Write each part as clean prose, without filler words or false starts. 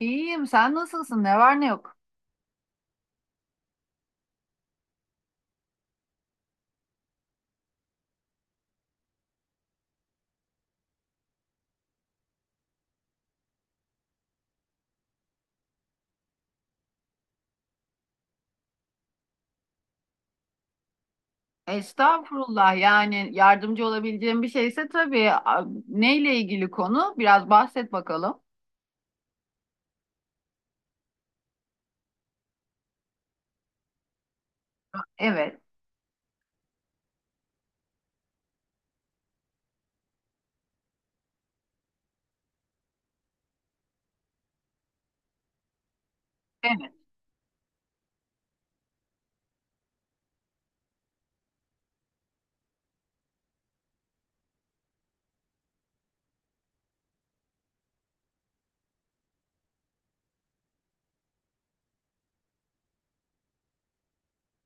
İyiyim, sen nasılsın? Ne var ne yok? Estağfurullah. Yani yardımcı olabileceğim bir şeyse tabii. Neyle ilgili konu? Biraz bahset bakalım. Evet, evet.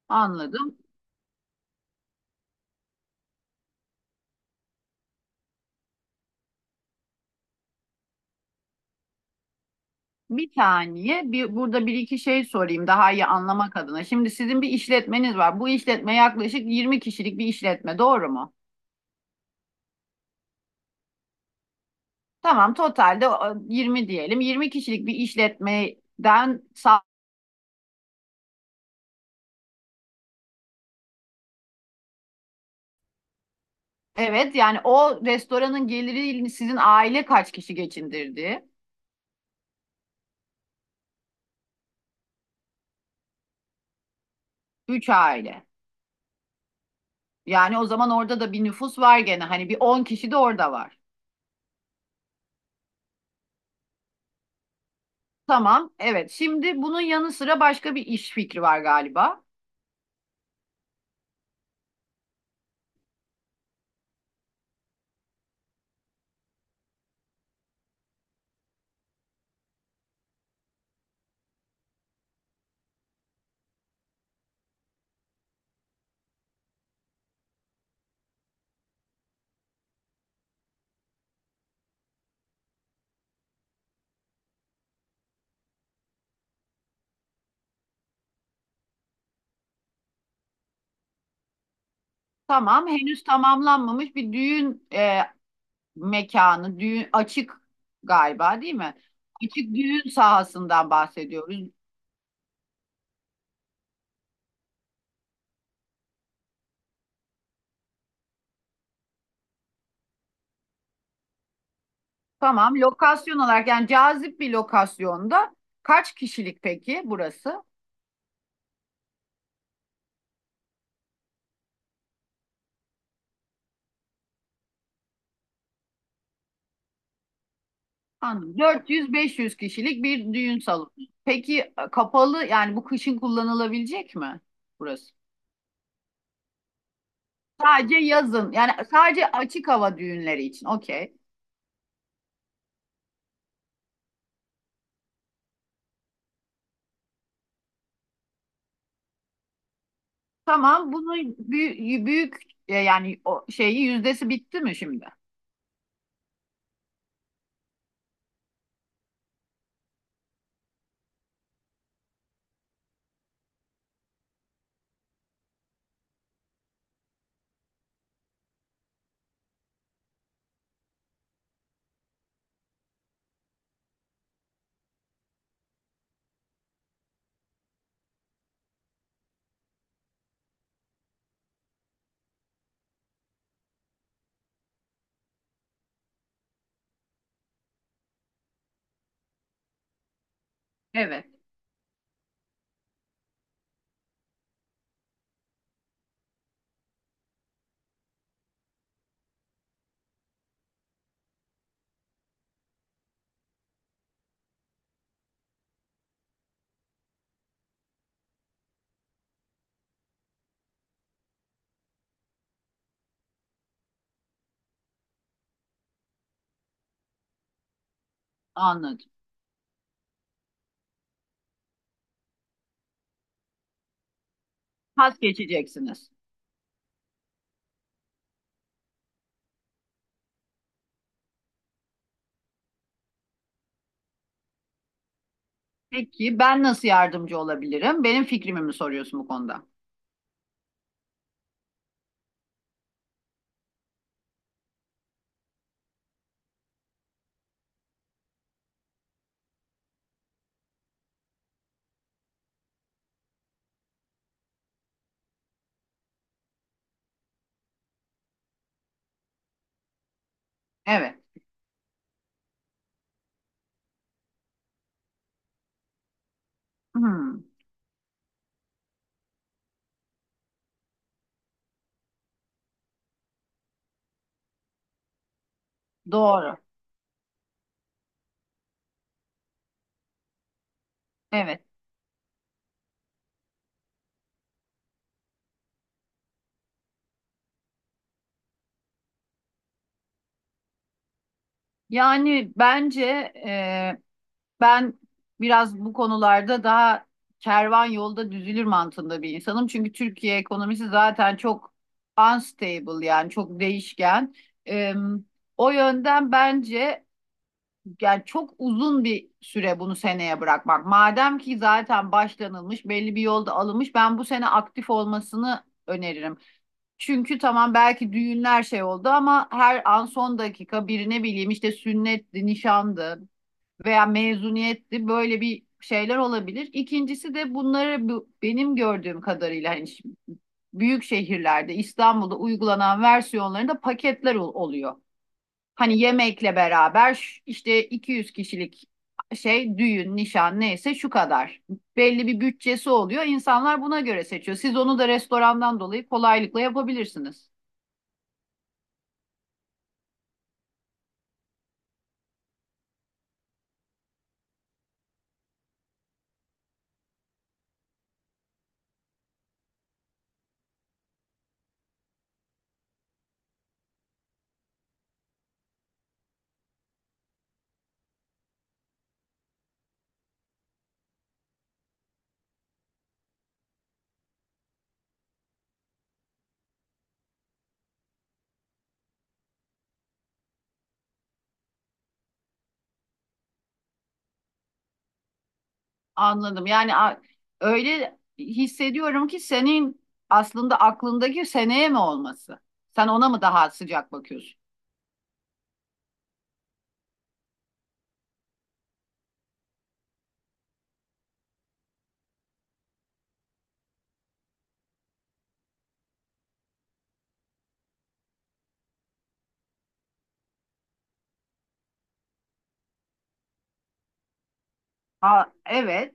Anladım. Bir saniye. Burada bir iki şey sorayım daha iyi anlamak adına. Şimdi sizin bir işletmeniz var. Bu işletme yaklaşık 20 kişilik bir işletme, doğru mu? Tamam, totalde o, 20 diyelim. 20 kişilik bir işletmeden. Evet, yani o restoranın geliri sizin aile kaç kişi geçindirdi? Üç aile. Yani o zaman orada da bir nüfus var gene. Hani bir 10 kişi de orada var. Tamam, evet. Şimdi bunun yanı sıra başka bir iş fikri var galiba. Tamam, henüz tamamlanmamış bir düğün mekanı, düğün açık galiba değil mi? Açık düğün sahasından bahsediyoruz. Tamam, lokasyon olarak yani cazip bir lokasyonda kaç kişilik peki burası? Anladım. 400-500 kişilik bir düğün salonu. Peki kapalı yani bu kışın kullanılabilecek mi burası? Sadece yazın yani sadece açık hava düğünleri için. Okey. Tamam bunu büyük yani o şeyi yüzdesi bitti mi şimdi? Evet. Anladım. Pas geçeceksiniz. Peki ben nasıl yardımcı olabilirim? Benim fikrimi mi soruyorsun bu konuda? Evet. Hmm, doğru. Evet. Yani bence e, Ben biraz bu konularda daha kervan yolda düzülür mantığında bir insanım. Çünkü Türkiye ekonomisi zaten çok unstable yani çok değişken. Ee, O yönden bence yani çok uzun bir süre bunu seneye bırakmak. Madem ki zaten başlanılmış, belli bir yolda alınmış, ben bu sene aktif olmasını öneririm. Çünkü tamam belki düğünler şey oldu ama her an son dakika birine bileyim işte sünnetti, nişandı veya mezuniyetli böyle bir şeyler olabilir. İkincisi de bunları benim gördüğüm kadarıyla hani büyük şehirlerde İstanbul'da uygulanan versiyonlarında paketler oluyor. Hani yemekle beraber işte 200 kişilik şey düğün, nişan neyse şu kadar. Belli bir bütçesi oluyor. İnsanlar buna göre seçiyor. Siz onu da restorandan dolayı kolaylıkla yapabilirsiniz. Anladım. Öyle hissediyorum ki senin aslında aklındaki seneye mi olması? Sen ona mı daha sıcak bakıyorsun? Ha, evet.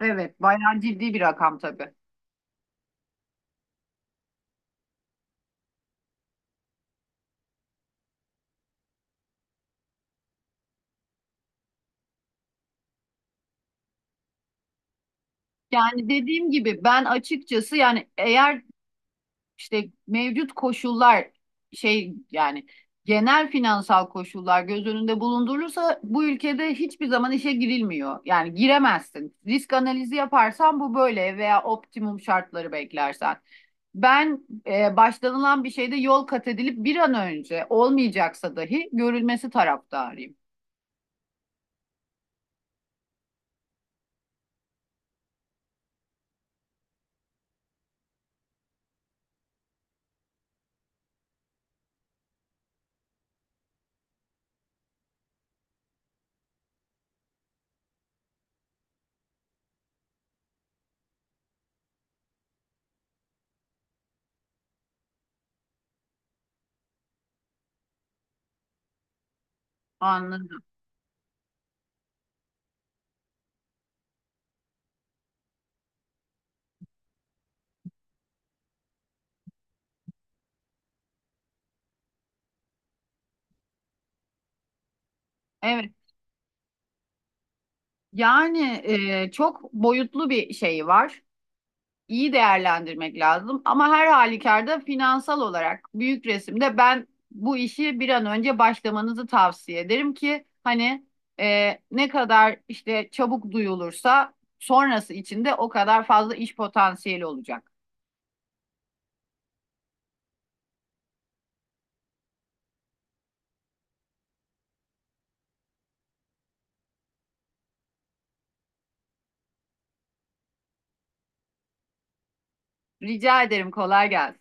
Evet. Bayağı ciddi bir rakam tabii. Yani dediğim gibi ben açıkçası yani eğer işte mevcut koşullar şey yani genel finansal koşullar göz önünde bulundurulursa bu ülkede hiçbir zaman işe girilmiyor. Yani giremezsin. Risk analizi yaparsan bu böyle veya optimum şartları beklersen. Ben başlanılan bir şeyde yol kat edilip bir an önce olmayacaksa dahi görülmesi taraftarıyım. Anladım. Evet. Yani çok boyutlu bir şey var. İyi değerlendirmek lazım. Ama her halükarda finansal olarak büyük resimde ben bu işi bir an önce başlamanızı tavsiye ederim ki hani ne kadar işte çabuk duyulursa sonrası için de o kadar fazla iş potansiyeli olacak. Rica ederim kolay gelsin.